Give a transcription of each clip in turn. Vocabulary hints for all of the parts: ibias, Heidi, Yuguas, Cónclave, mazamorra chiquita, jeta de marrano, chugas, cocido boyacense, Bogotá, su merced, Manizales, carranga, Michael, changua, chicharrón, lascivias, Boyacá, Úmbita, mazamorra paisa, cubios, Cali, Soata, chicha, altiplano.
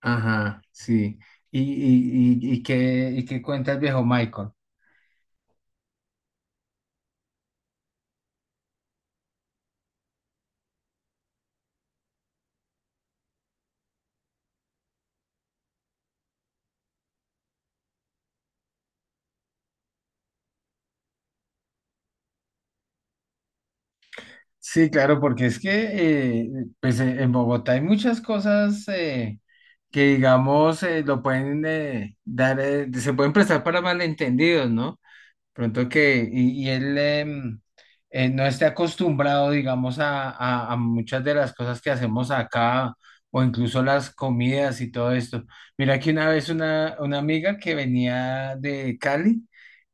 Ajá, sí. ¿Y, y qué, y qué cuenta el viejo Michael? Sí, claro, porque es que eh, pues, en Bogotá hay muchas cosas que, digamos, lo pueden dar, se pueden prestar para malentendidos, ¿no? Pronto que, y él no esté acostumbrado, digamos, a, a muchas de las cosas que hacemos acá, o incluso las comidas y todo esto. Mira que una vez una amiga que venía de Cali,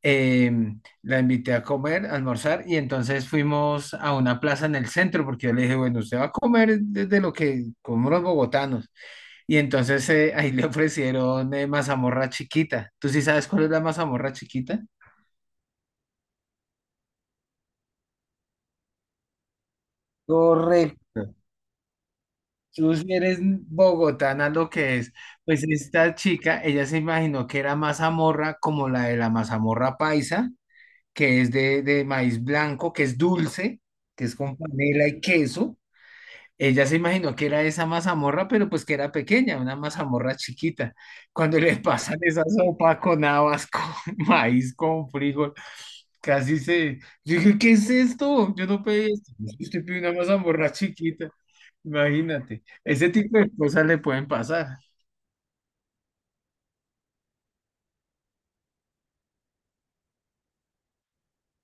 la invité a comer, a almorzar, y entonces fuimos a una plaza en el centro, porque yo le dije, bueno, usted va a comer desde lo que comemos los bogotanos. Y entonces ahí le ofrecieron mazamorra chiquita. ¿Tú sí sabes cuál es la mazamorra chiquita? Correcto. Tú sí eres bogotana lo que es. Pues esta chica, ella se imaginó que era mazamorra como la de la mazamorra paisa, que es de maíz blanco, que es dulce, que es con panela y queso. Ella se imaginó que era esa mazamorra, pero pues que era pequeña, una mazamorra chiquita. Cuando le pasan esa sopa con habas, con maíz, con frijol, casi se... Yo dije, ¿qué es esto? Yo no pedí esto. Usted pidió una mazamorra chiquita. Imagínate, ese tipo de cosas le pueden pasar.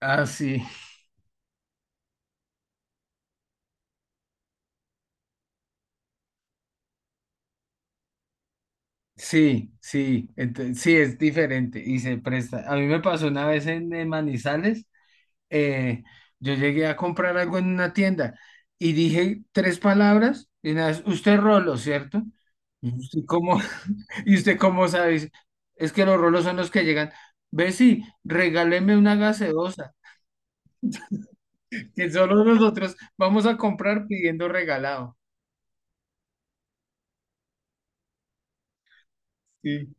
Ah, sí, sí, sí, sí, es diferente y se presta. A mí me pasó una vez en, Manizales, eh, yo llegué a comprar algo en una tienda y dije tres palabras y una vez, usted rolo, ¿cierto? ¿Y usted cómo, y usted cómo sabe? Es que los rolos son los que llegan. Ve, sí, regáleme una gaseosa, que solo nosotros vamos a comprar pidiendo regalado. Sí.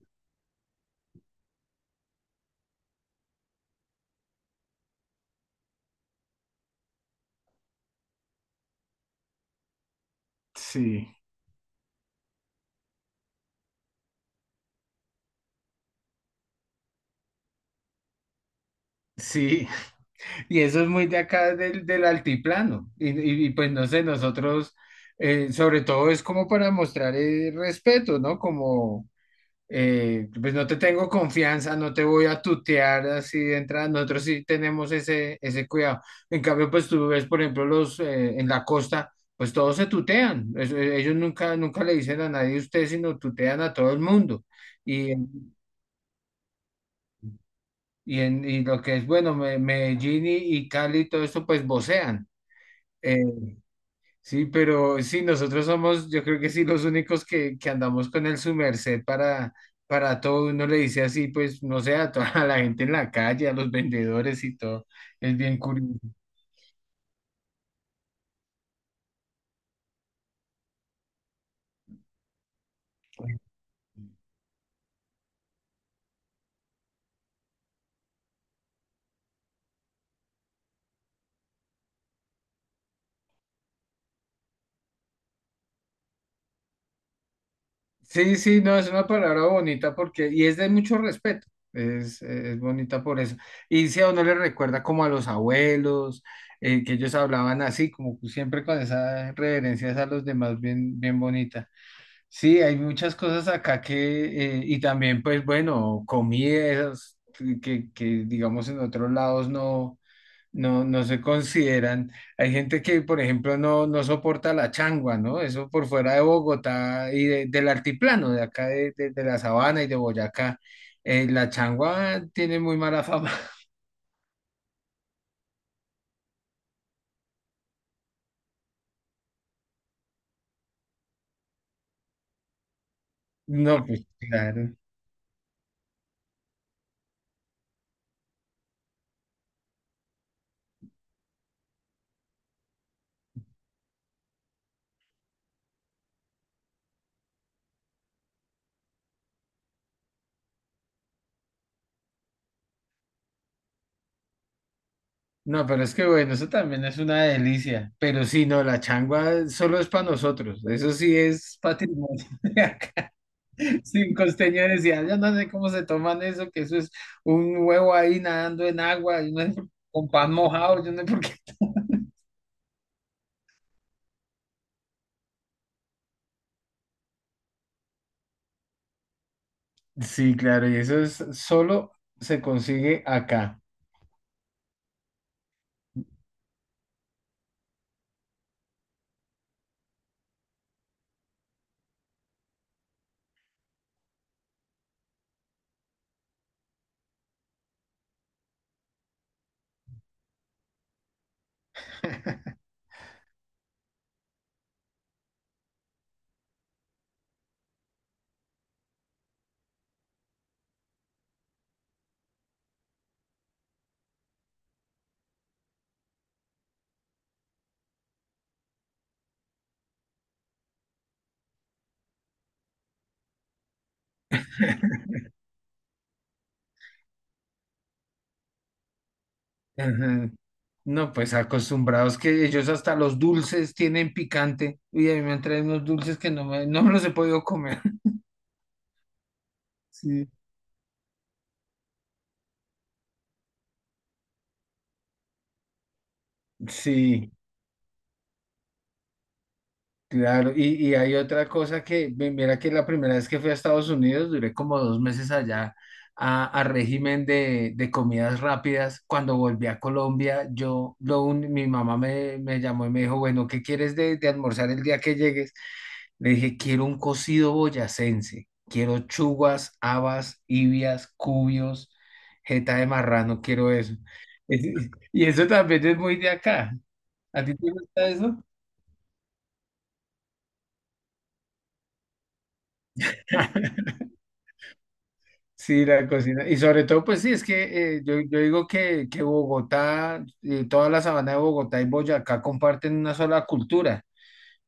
Sí, sí. Y eso es muy de acá del altiplano. Y, y, pues no sé, nosotros, sobre todo es como para mostrar respeto, ¿no? Como, pues no te tengo confianza, no te voy a tutear así de entrada. Nosotros sí tenemos ese cuidado. En cambio, pues tú ves, por ejemplo, los en la costa, pues todos se tutean. Ellos nunca, nunca le dicen a nadie usted, sino tutean a todo el mundo. Y, en- y, en, y lo que es, bueno, Medellín y Cali, y todo esto, pues vocean. Eh, Sí, pero sí, nosotros somos, yo creo que sí, los únicos que andamos con el su merced para todo. Uno le dice así, pues, no sé, a toda la gente en la calle, a los vendedores y todo. Es bien curioso. Sí, sí, no, es una palabra bonita porque, y es de mucho respeto, es bonita por eso. Y si a uno le recuerda como a los abuelos, que ellos hablaban así, como siempre con esas reverencias a los demás, bien, bien bonita. Sí, hay muchas cosas acá que, y también pues bueno, comidas que digamos en otros lados no, no, no se consideran. Hay gente que, por ejemplo, no, no soporta la changua, ¿no? Eso por fuera de Bogotá y del altiplano, de acá de, de la sabana y de Boyacá. La changua tiene muy mala fama. No, pues claro. No, pero es que bueno, eso también es una delicia. Pero sí, no, la changua solo es para nosotros. Eso sí es patrimonio de acá. Si un costeño decía, yo no sé cómo se toman eso, que eso es un huevo ahí nadando en agua, y no sé con pan mojado, yo no sé por qué. Sí, claro, y eso es solo se consigue acá. Ajá. No, pues acostumbrados que ellos hasta los dulces tienen picante. Y a mí me han traído unos dulces que no me, no me los he podido comer. Sí. Sí, claro. Y hay otra cosa que, mira que la primera vez que fui a Estados Unidos, duré como dos meses allá a régimen de comidas rápidas. Cuando volví a Colombia, yo, mi mamá me, me llamó y me dijo, bueno, ¿qué quieres de almorzar el día que llegues? Le dije, quiero un cocido boyacense, quiero chugas, habas, ibias, cubios, jeta de marrano, quiero eso. Y eso también es muy de acá. ¿A ti te gusta eso? Sí, la cocina. Y sobre todo, pues sí, es que yo, yo digo que Bogotá, toda la sabana de Bogotá y Boyacá comparten una sola cultura.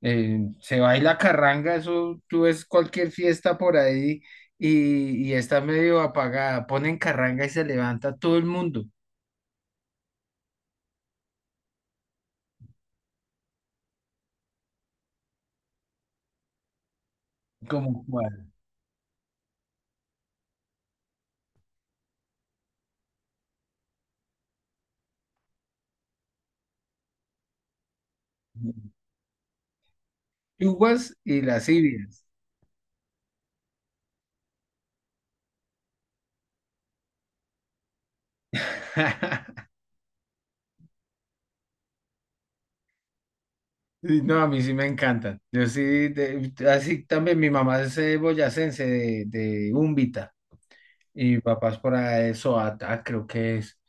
Se baila carranga, eso tú ves cualquier fiesta por ahí y está medio apagada. Ponen carranga y se levanta todo el mundo, como cual. Yuguas y lascivias. Y no, a mí sí me encantan. Yo sí, de- así también mi mamá es boyacense de Úmbita. Y papás por eso, Soata, creo que es.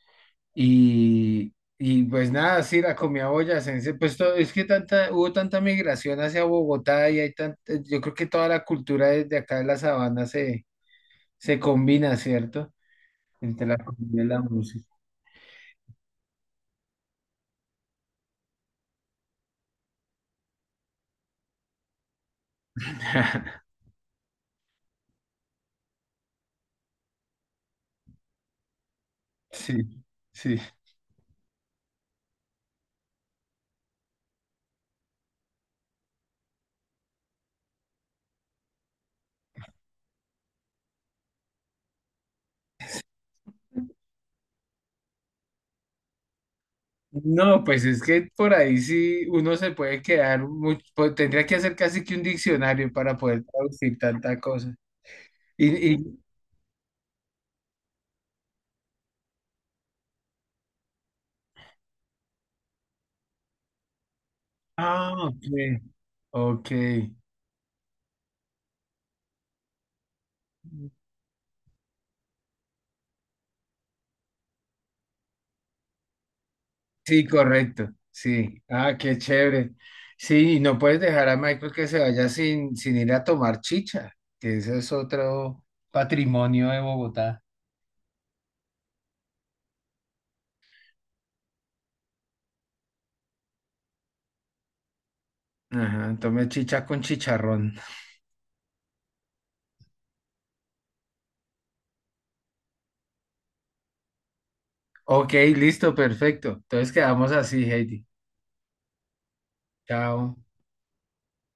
Y pues nada, sí, la comida boyacense, pues todo es que tanta, hubo tanta migración hacia Bogotá y hay tanta, yo creo que toda la cultura desde acá de la sabana se, se combina, ¿cierto? Entre la comida y la música. Sí, sí. No, pues es que por ahí sí uno se puede quedar, mucho, tendría que hacer casi que un diccionario para poder traducir tanta cosa. Y, y, ah, ok, ok. Sí, correcto. Sí. Ah, qué chévere. Sí, y no puedes dejar a Michael que se vaya sin, sin ir a tomar chicha, que ese es otro patrimonio de Bogotá. Ajá, tome chicha con chicharrón. Ok, listo, perfecto. Entonces quedamos así, Heidi. Chao.